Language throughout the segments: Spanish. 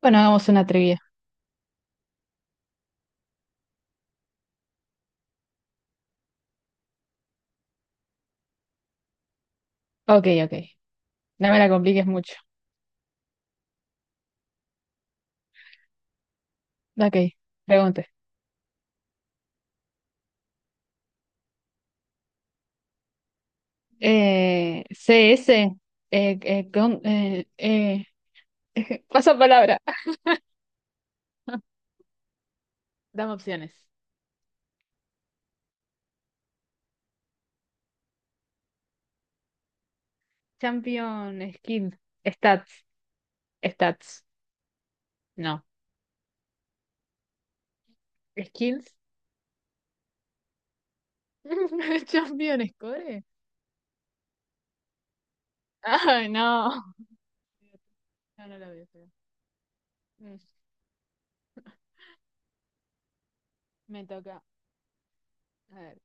Bueno, hagamos una trivia. Ok, ok. No me la compliques mucho. Ok, pregunte. CS, eh, eh, con- eh, eh, pasa palabra. Dame opciones. Champion, skill, stats, stats. No. Skills. Champion, score. Ay, no. no. No lo veo, pero... Mm, me toca. A ver.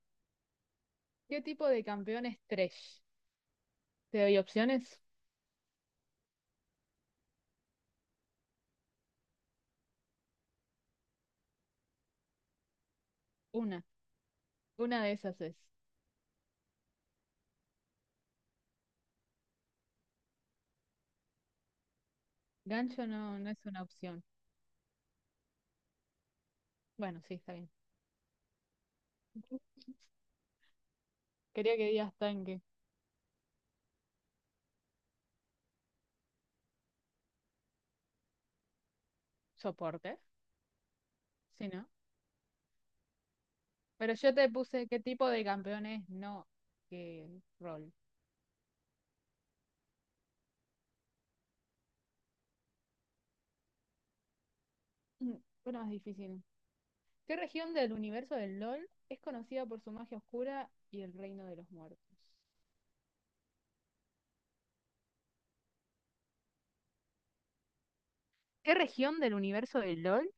¿Qué tipo de campeón es Thresh? ¿Te doy opciones? Una. Una de esas es. Gancho no, no es una opción. Bueno, sí, está bien. Quería que digas tanque. Soporte, sí, ¿no? Pero yo te puse qué tipo de campeones, no qué rol. Mm, Bueno, más difícil. ¿Qué región del universo del LOL es conocida por su magia oscura y el reino de los muertos? ¿Qué región del universo del LOL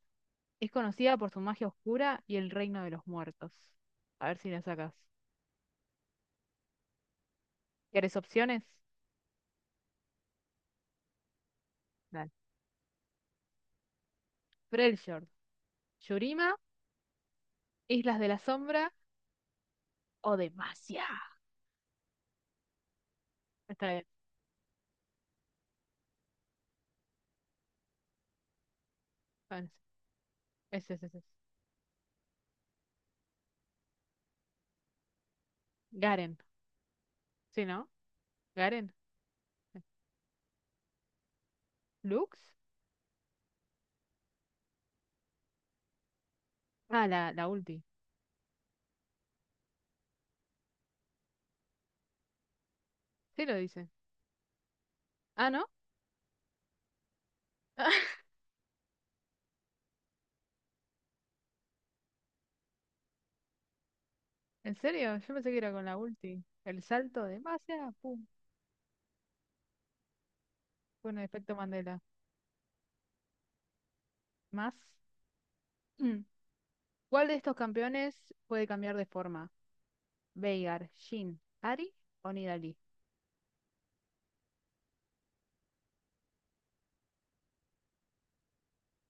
es conocida por su magia oscura y el reino de los muertos? A ver si la sacas. ¿Quieres opciones? Dale. Freljord, Yurima, Islas de la Sombra o Demacia. Está bien. Bueno, ese, ese, ese. Garen. ¿Sí, no? Garen. ¿Lux? Ah, la ulti. Sí lo dice. Ah, ¿no? ¿En serio? Yo pensé que era con la ulti. El salto de magia. Pum. Bueno, efecto Mandela. Más. Mm. ¿Cuál de estos campeones puede cambiar de forma? Veigar, Shin, Ari o Nidalee.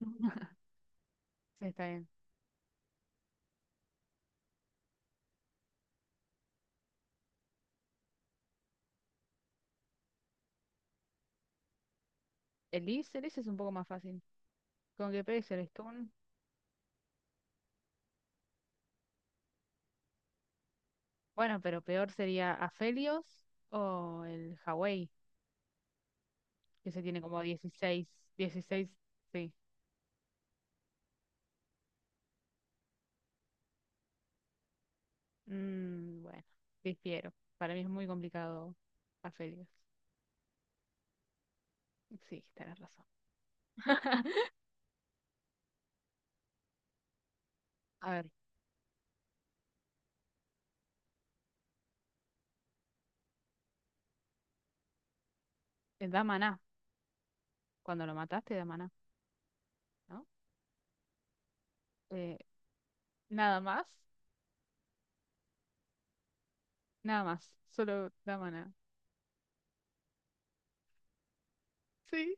Sí, está bien. Elise, Elise es un poco más fácil. Con que pegues el stun. Bueno, pero peor sería Aphelios o el Hawei, que se tiene como 16, 16, sí. Bueno, difiero. Para mí es muy complicado. A Sí, tenés razón. A ver, da maná. Cuando lo mataste, da maná, ¿no? Eh, nada más, nada más. Solo da maná. Sí,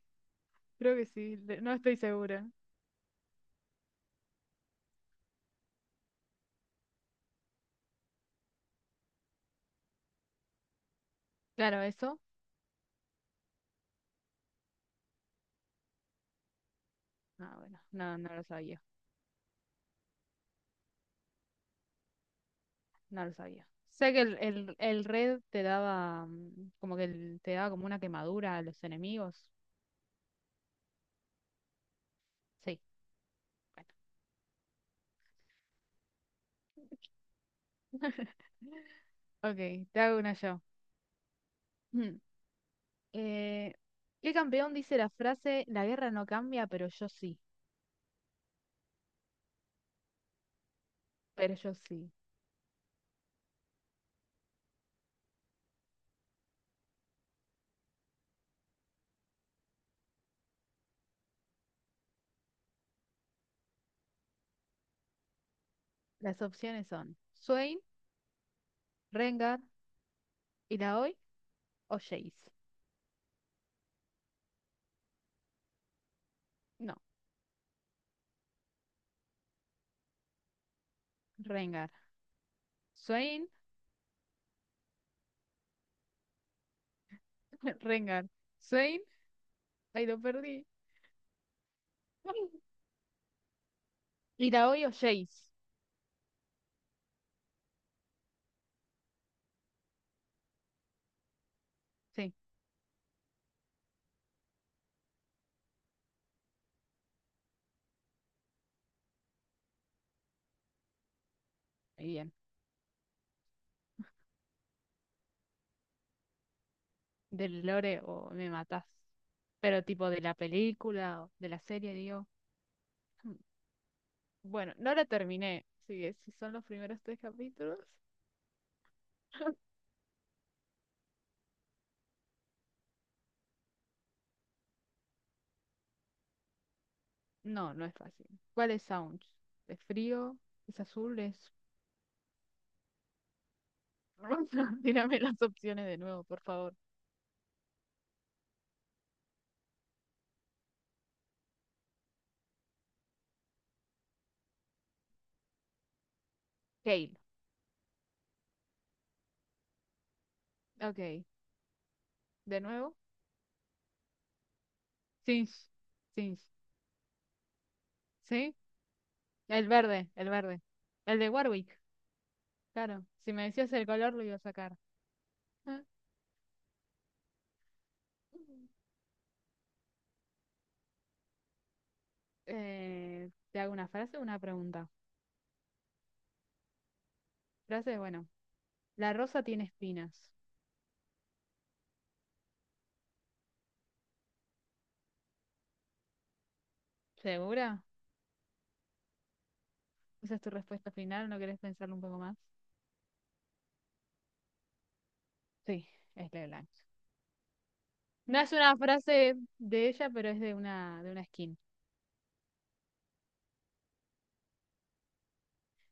creo que sí. No estoy segura. Claro, eso. Ah, bueno, no, no lo sabía. No lo sabía. Sé que el red te daba, mm, como que te daba como una quemadura a los enemigos. Sí, bueno. Ok, te hago una yo. Mm. Eh, ¿Qué campeón dice la frase La guerra no cambia, pero yo sí? Pero yo sí. Las opciones son Swain, Rengar, Illaoi o Jace. No, Rengar. Swain, Rengar. Swain, ahí lo perdí. Illaoi o Jace. Sí, muy bien. Del lore o me matás. Pero tipo de la película o de la serie, digo. Mm. Bueno, no la terminé. Así que si son los primeros tres capítulos. No, no es fácil. ¿Cuál es Sounds? ¿Es frío? ¿Es azul? ¿Es rosa? Tírame las opciones de nuevo, por favor. Kale. Ok. ¿De nuevo? Sims. Sims. ¿Sí? El verde, el verde. El de Warwick. Claro. Si me decías el color, lo iba a sacar. Ah. ¿Te hago una frase o una pregunta? Frase, bueno. La rosa tiene espinas. ¿Segura? ¿Esa es tu respuesta final? ¿No querés pensarlo un poco más? Sí, es Leblanc. No es una frase de ella, pero es de una skin.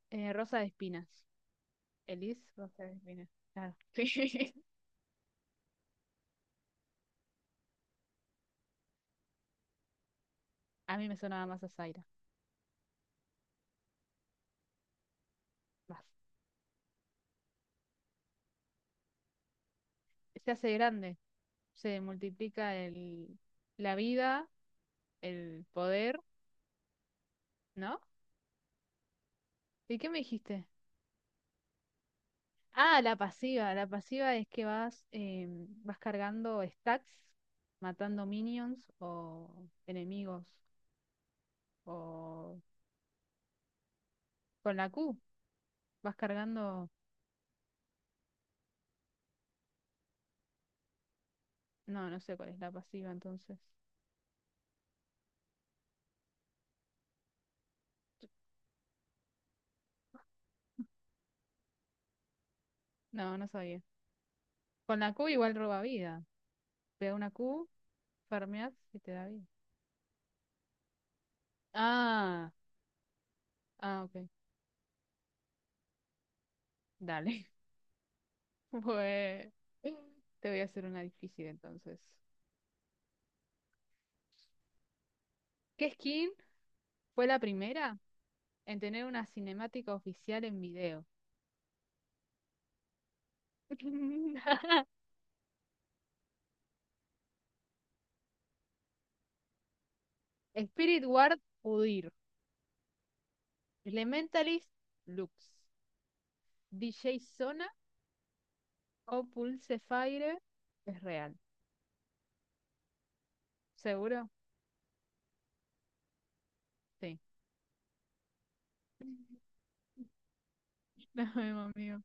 Rosa de Espinas. Elis, Rosa de Espinas. Claro. A mí me sonaba más a Zaira. Más. Se hace grande. Se multiplica el, la vida, el poder, ¿no? ¿Y qué me dijiste? Ah, la pasiva. La pasiva es que vas, vas cargando stacks, matando minions o enemigos. O con la Q. Vas cargando. No, no sé cuál es la pasiva entonces. No, no sabía. Con la Q igual roba vida. Pega una Q, farmeas y te da vida. Ah, ah, ok. Dale. Pues te voy a hacer una difícil entonces. ¿Qué skin fue la primera en tener una cinemática oficial en video? Spirit Ward Udyr, Elementalist Lux, DJ Zona o Pulsefire es real. ¿Seguro? Sí. No, amigo.